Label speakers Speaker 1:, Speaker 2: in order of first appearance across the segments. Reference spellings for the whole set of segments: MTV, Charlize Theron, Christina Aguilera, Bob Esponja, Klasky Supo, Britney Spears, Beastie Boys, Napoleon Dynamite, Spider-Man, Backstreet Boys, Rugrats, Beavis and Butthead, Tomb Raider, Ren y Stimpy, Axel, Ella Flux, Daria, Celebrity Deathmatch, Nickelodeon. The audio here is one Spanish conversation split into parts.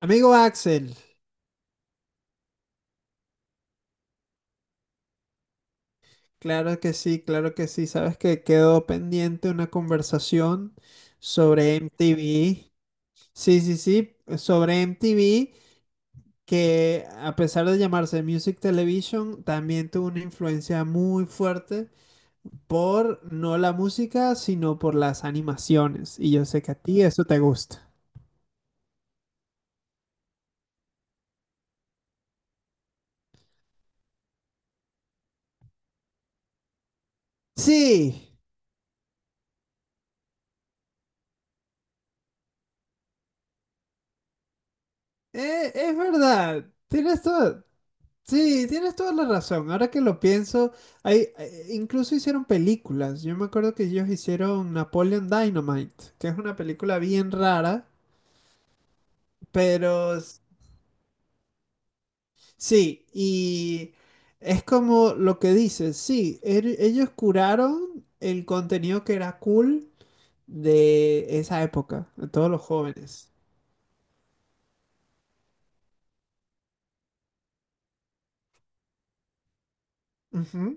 Speaker 1: Amigo Axel, claro que sí, claro que sí. Sabes que quedó pendiente una conversación sobre MTV. Sí, sí, sí, sobre MTV, que a pesar de llamarse Music Television, también tuvo una influencia muy fuerte por no la música, sino por las animaciones. Y yo sé que a ti eso te gusta. Sí, es verdad. Tienes todo. Sí, tienes toda la razón. Ahora que lo pienso, hay, incluso hicieron películas. Yo me acuerdo que ellos hicieron Napoleon Dynamite, que es una película bien rara, pero s- sí, y es como lo que dices, sí, ellos curaron el contenido que era cool de esa época, de todos los jóvenes. Ujú.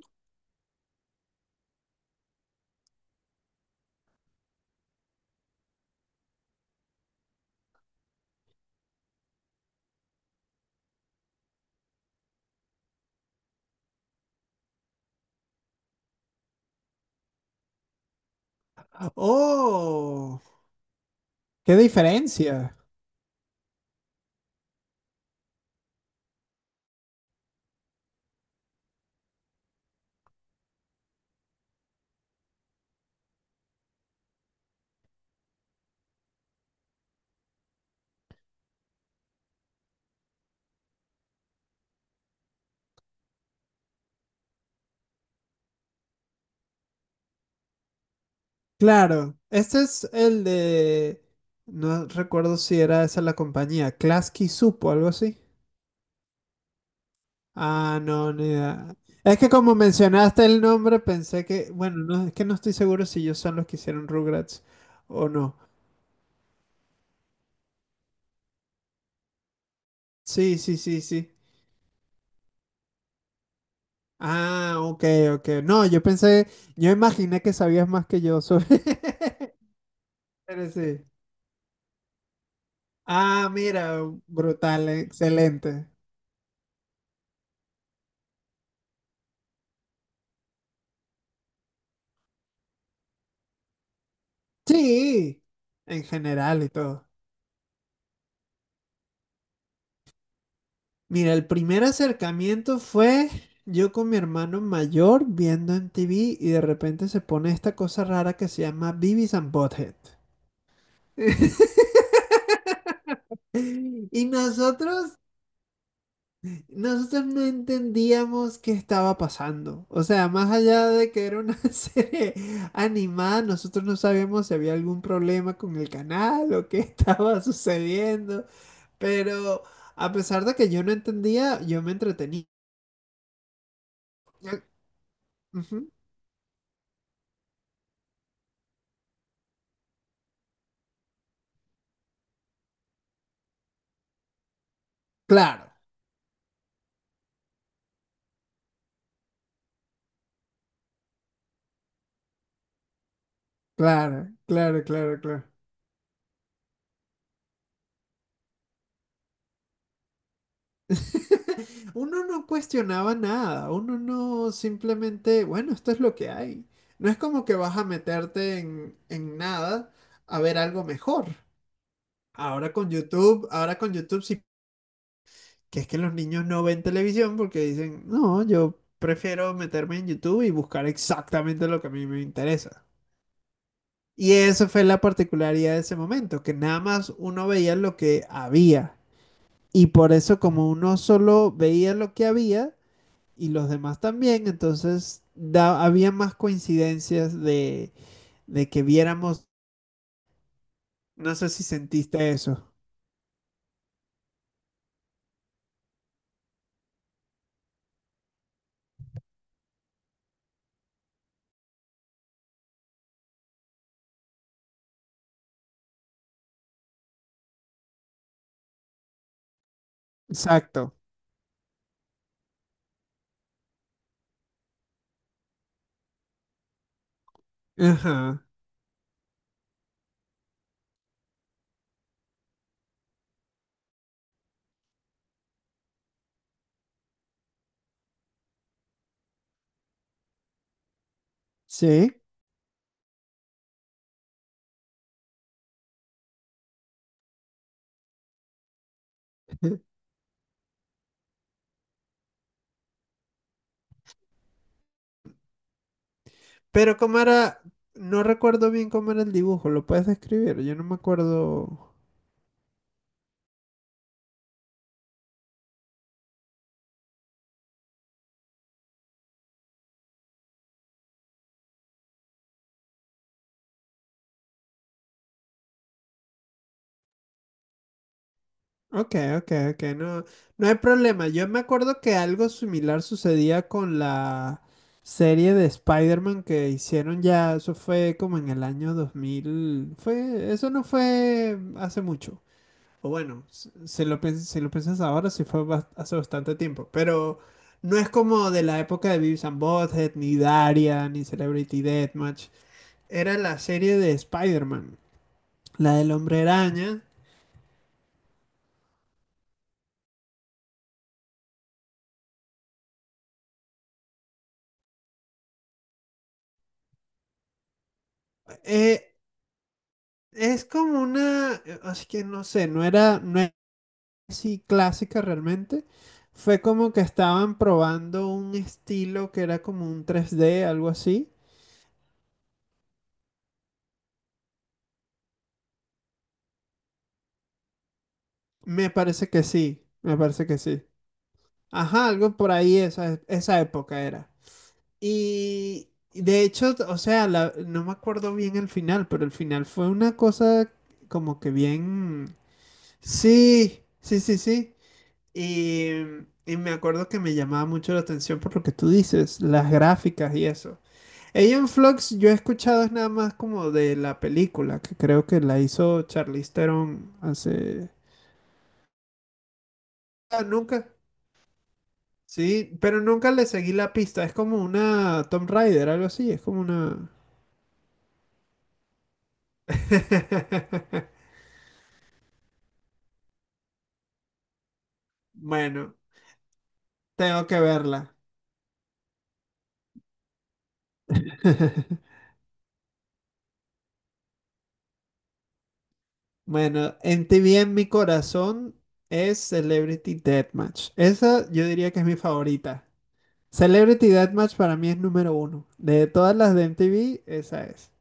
Speaker 1: Oh, qué diferencia. Claro, este es el de. No recuerdo si era esa la compañía, Klasky Supo, algo así. Ah, no, ni idea. Es que como mencionaste el nombre, pensé que. Bueno, no, es que no estoy seguro si ellos son los que hicieron Rugrats o no. Sí, sí, sí, sí. Ah, ok, ok. No, yo pensé, yo imaginé que sabías más que yo sobre. Pero sí. Ah, mira, brutal, excelente. Sí, en general y todo. Mira, el primer acercamiento fue yo con mi hermano mayor viendo en TV y de repente se pone esta cosa rara que se llama Beavis and Butthead. Y nosotros no entendíamos qué estaba pasando. O sea, más allá de que era una serie animada, nosotros no sabíamos si había algún problema con el canal o qué estaba sucediendo. Pero a pesar de que yo no entendía, yo me entretenía. Ujú. Claro. Claro, claro, claro, claro. Uno no cuestionaba nada, uno no simplemente, bueno, esto es lo que hay. No es como que vas a meterte en nada a ver algo mejor. Ahora con YouTube sí, que es que los niños no ven televisión porque dicen, no, yo prefiero meterme en YouTube y buscar exactamente lo que a mí me interesa. Y eso fue la particularidad de ese momento, que nada más uno veía lo que había. Y por eso como uno solo veía lo que había y los demás también, entonces había más coincidencias de que viéramos, no sé si sentiste eso. Exacto. Ajá. Sí. Pero cómo era, no recuerdo bien cómo era el dibujo, ¿lo puedes describir? Yo no me acuerdo. Ok, ok, ok, no, no hay problema. Yo me acuerdo que algo similar sucedía con la serie de Spider-Man que hicieron ya, eso fue como en el año 2000. Eso no fue hace mucho. O bueno, si lo piensas ahora, sí fue hace bastante tiempo, pero no es como de la época de Beavis and Butthead, ni Daria, ni Celebrity Deathmatch. Era la serie de Spider-Man, la del Hombre Araña. Eh, Es como una, así que no sé, no era así clásica realmente. Fue como que estaban probando un estilo que era como un 3D algo así. Me parece que sí, me parece que sí. Ajá, algo por ahí, esa época era. Y de hecho, o sea, no me acuerdo bien el final, pero el final fue una cosa como que bien. Sí, sí, sí, sí. Y, y me acuerdo que me llamaba mucho la atención por lo que tú dices, las gráficas y eso. Ella Flux yo he escuchado es nada más como de la película, que creo que la hizo Charlize Theron hace. Ah, nunca. Sí, pero nunca le seguí la pista. Es como una Tomb Raider, algo así. Es como una. Bueno, tengo que verla. Bueno, en TV en mi corazón es Celebrity Deathmatch. Esa yo diría que es mi favorita. Celebrity Deathmatch para mí es número 1. De todas las de MTV, esa es.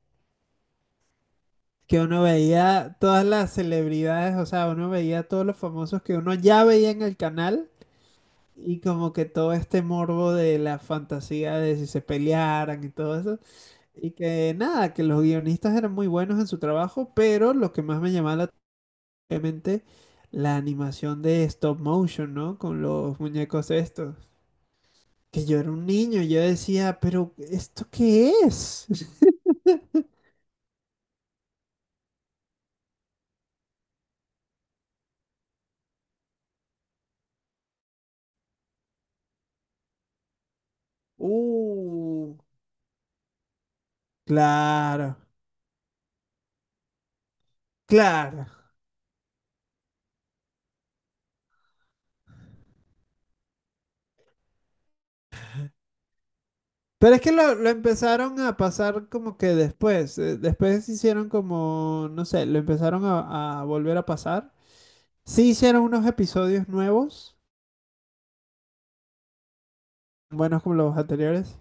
Speaker 1: Que uno veía todas las celebridades, o sea, uno veía todos los famosos que uno ya veía en el canal y como que todo este morbo de la fantasía de si se pelearan y todo eso. Y que nada, que los guionistas eran muy buenos en su trabajo, pero lo que más me llamaba la atención obviamente la animación de stop motion, ¿no? Con los muñecos estos. Que yo era un niño, yo decía, pero ¿esto qué es? Uh, claro, claro. Pero es que lo empezaron a pasar como que después, después hicieron como, no sé, lo empezaron a volver a pasar. Sí hicieron unos episodios nuevos, buenos como los anteriores.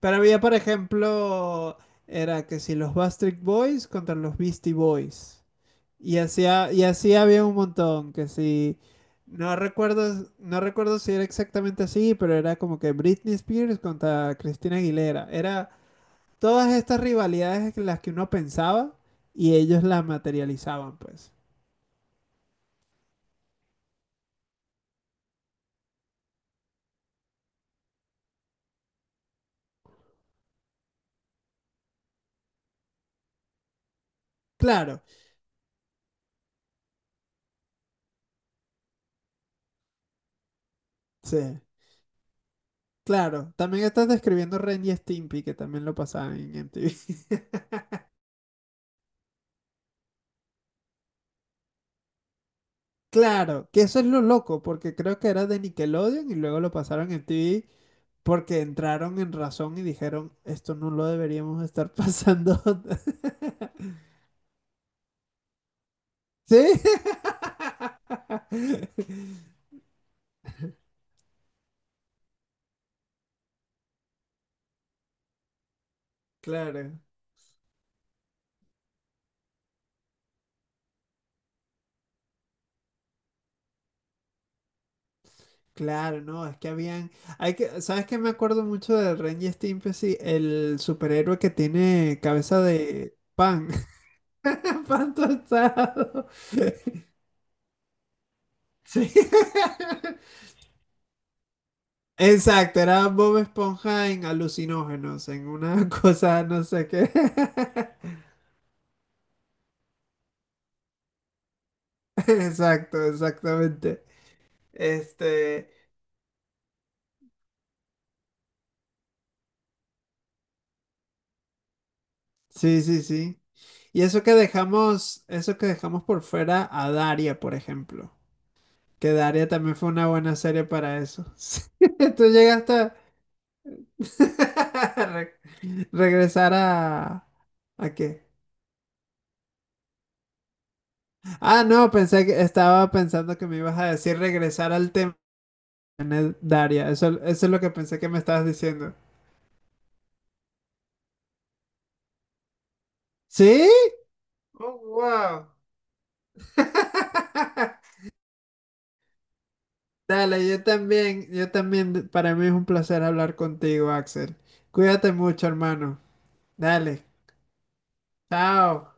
Speaker 1: Pero había, por ejemplo, era que si los Backstreet Boys contra los Beastie Boys. Y así había un montón, que si no recuerdo si era exactamente así, pero era como que Britney Spears contra Cristina Aguilera. Era todas estas rivalidades las que uno pensaba y ellos las materializaban, pues. Claro, sí, claro. También estás describiendo Ren y Stimpy, que también lo pasaban en MTV. Claro, que eso es lo loco, porque creo que era de Nickelodeon y luego lo pasaron en MTV. Porque entraron en razón y dijeron, esto no lo deberíamos estar pasando. ¿Sí? Claro, claro, no, es que habían, hay que, ¿sabes qué? Me acuerdo mucho de Ren y Stimpy, sí, el superhéroe que tiene cabeza de pan, pan tostado. Sí. Exacto, era Bob Esponja en alucinógenos, en una cosa, no sé qué. Exacto, exactamente. Este, sí, sí, sí. Y eso que dejamos por fuera a Daria, por ejemplo. Que Daria también fue una buena serie para eso. Sí, tú llegaste a re- regresar a. ¿A qué? Ah, no, pensé que estaba pensando que me ibas a decir regresar al tema de Daria. Eso es lo que pensé que me estabas diciendo. ¿Sí? Oh, wow. Dale, yo también, para mí es un placer hablar contigo, Axel. Cuídate mucho, hermano. Dale, chao.